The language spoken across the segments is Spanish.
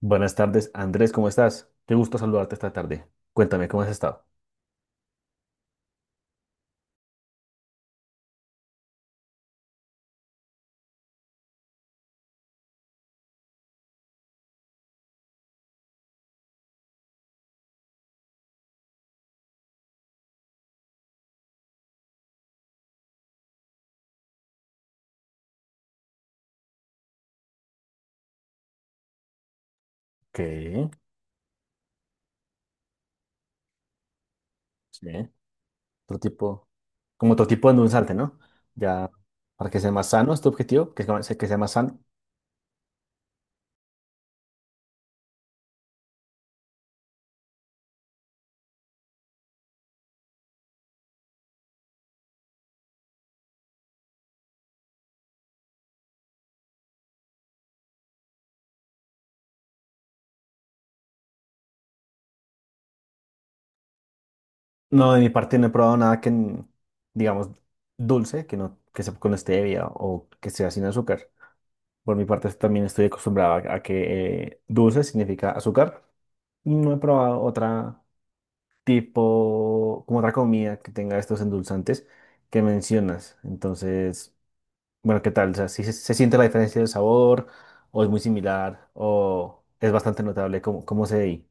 Buenas tardes, Andrés, ¿cómo estás? Qué gusto saludarte esta tarde. Cuéntame, ¿cómo has estado? ¿Qué? Sí. Otro tipo, como otro tipo de un salte, ¿no? Ya, para que sea más sano, ¿es tu objetivo? Que sea más sano. No, de mi parte no he probado nada que, digamos, dulce, que no, que sea con stevia o que sea sin azúcar. Por mi parte también estoy acostumbrado a que dulce significa azúcar. No he probado otra tipo, como otra comida que tenga estos endulzantes que mencionas. Entonces, bueno, ¿qué tal? O sea, si se, se siente la diferencia del sabor, o es muy similar, o es bastante notable cómo, cómo se ve ahí.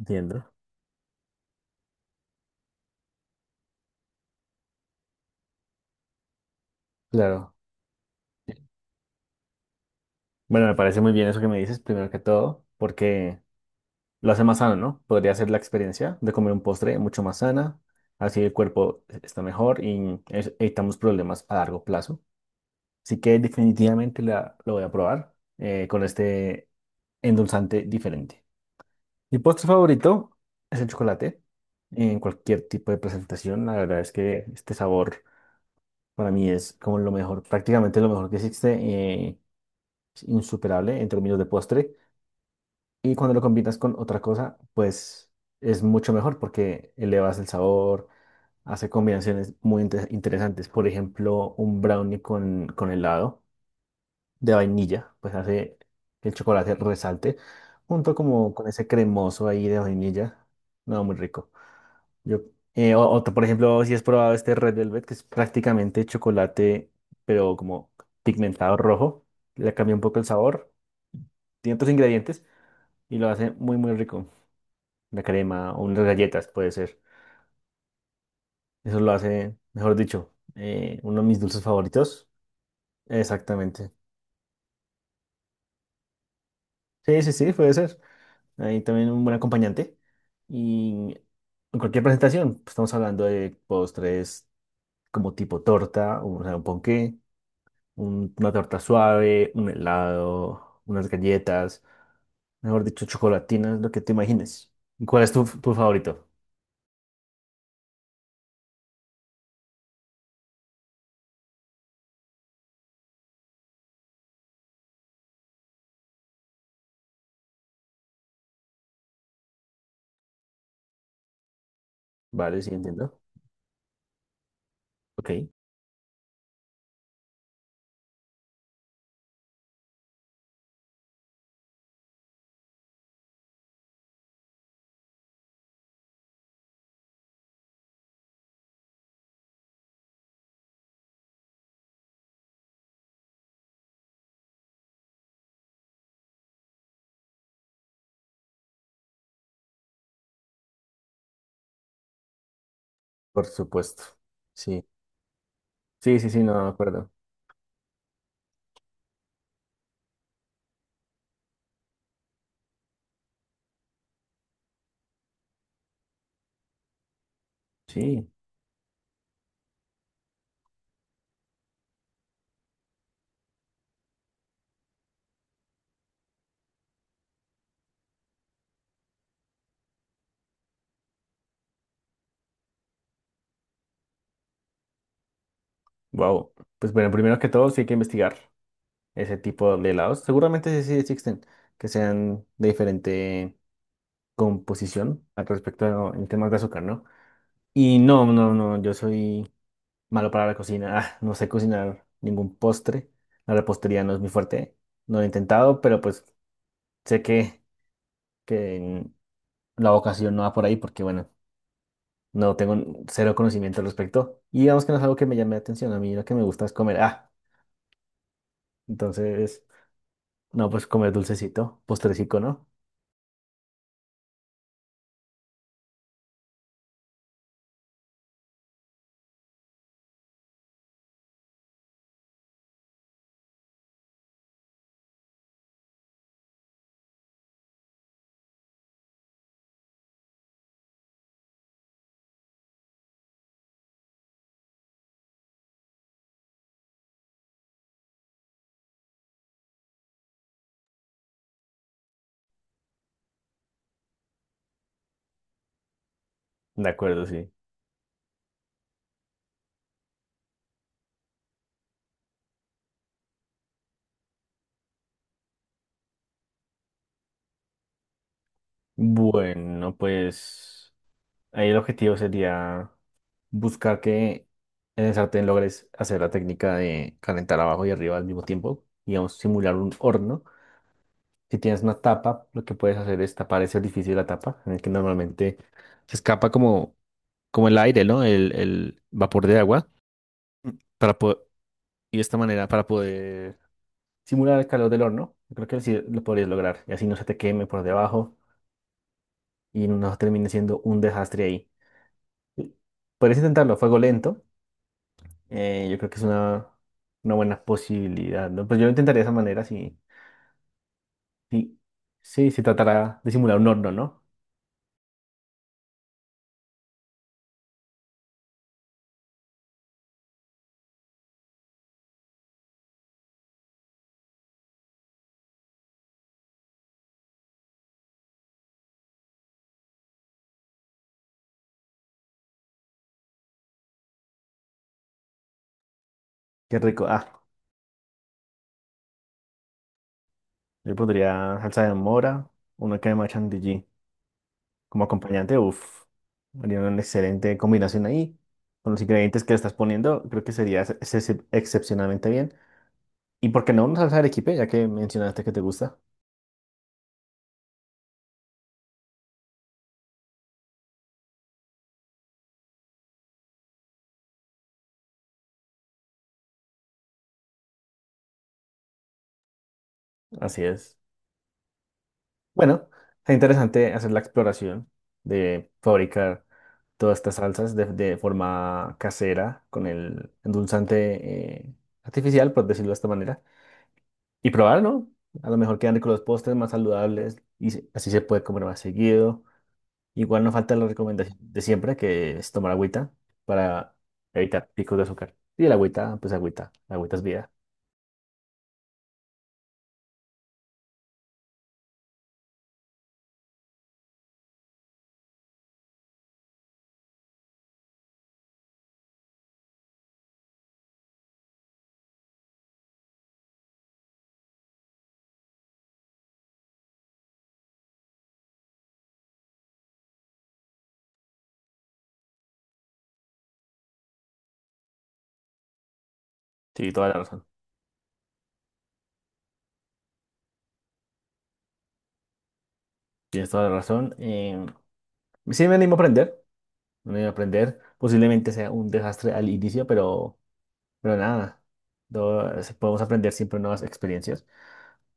Entiendo. Claro. Bueno, me parece muy bien eso que me dices, primero que todo, porque lo hace más sano, ¿no? Podría ser la experiencia de comer un postre mucho más sana, así el cuerpo está mejor y evitamos problemas a largo plazo. Así que definitivamente la, lo voy a probar con este endulzante diferente. Mi postre favorito es el chocolate en cualquier tipo de presentación. La verdad es que este sabor para mí es como lo mejor, prácticamente lo mejor que existe, es insuperable en términos de postre. Y cuando lo combinas con otra cosa, pues es mucho mejor porque elevas el sabor, hace combinaciones muy interesantes. Por ejemplo, un brownie con helado de vainilla, pues hace que el chocolate resalte, junto como con ese cremoso ahí de vainilla. No, muy rico. Yo, otro, por ejemplo, si has probado este Red Velvet, que es prácticamente chocolate, pero como pigmentado rojo, le cambia un poco el sabor, tiene otros ingredientes y lo hace muy, muy rico. La crema o unas galletas, puede ser. Eso lo hace, mejor dicho, uno de mis dulces favoritos. Exactamente. Sí, sí, sí, puede ser. Ahí también un buen acompañante. Y en cualquier presentación, pues, estamos hablando de postres como tipo torta, o sea, un ponqué, una torta suave, un helado, unas galletas, mejor dicho, chocolatinas, lo que te imagines. ¿Y cuál es tu, tu favorito? Vale, sí, entiendo. Ok, por supuesto. Sí, sí, sí, sí, no, de acuerdo. Sí, wow. Pues bueno, primero que todo, sí hay que investigar ese tipo de helados. Seguramente sí existen, que sean de diferente composición al respecto en temas de azúcar, ¿no? Y no, no, no, yo soy malo para la cocina. Ah, no sé cocinar ningún postre. La repostería no es mi fuerte. No lo he intentado, pero pues sé que la vocación no va por ahí porque, bueno, no tengo cero conocimiento al respecto. Y digamos que no es algo que me llame la atención. A mí lo que me gusta es comer. Ah, entonces, no, pues comer dulcecito, postrecico, ¿no? De acuerdo, sí. Bueno, pues, ahí el objetivo sería buscar que en el sartén logres hacer la técnica de calentar abajo y arriba al mismo tiempo, digamos, simular un horno. Si tienes una tapa, lo que puedes hacer es tapar ese orificio de la tapa, en el que normalmente se escapa como, como el aire, ¿no? El vapor de agua, para po- y de esta manera para poder simular el calor del horno. Yo creo que así lo podrías lograr, y así no se te queme por debajo y no termine siendo un desastre ahí. Puedes intentarlo a fuego lento. Yo creo que es una buena posibilidad, ¿no? Pues yo lo intentaría de esa manera, sí. Sí, sí, se tratará de simular un horno, ¿no? Qué rico. Ah, yo podría salsa de mora, una crema chantilly como acompañante, uf. Haría una excelente combinación ahí. Con los ingredientes que le estás poniendo, creo que sería excepcionalmente bien. Y por qué no una salsa de arequipe, ya que mencionaste que te gusta. Así es. Bueno, es interesante hacer la exploración de fabricar todas estas salsas de forma casera con el endulzante artificial, por decirlo de esta manera, y probar, ¿no? A lo mejor quedan ricos los postres más saludables y así se puede comer más seguido. Igual no falta la recomendación de siempre, que es tomar agüita para evitar picos de azúcar. Y el agüita, pues agüita, la agüita es vida. Sí, toda la razón. Tienes toda la razón. Sí, me animo a aprender. Me animo a aprender. Posiblemente sea un desastre al inicio, pero nada, podemos aprender siempre nuevas experiencias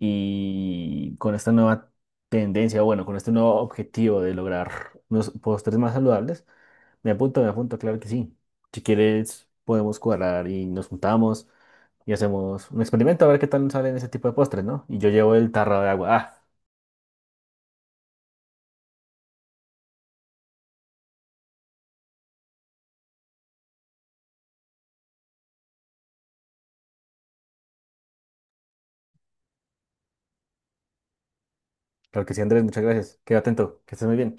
y con esta nueva tendencia, bueno, con este nuevo objetivo de lograr unos postres más saludables, me apunto, claro que sí. Si quieres, podemos cuadrar y nos juntamos y hacemos un experimento a ver qué tal salen ese tipo de postres, ¿no? Y yo llevo el tarro de agua. Ah, claro que sí, Andrés, muchas gracias. Queda atento, que estés muy bien.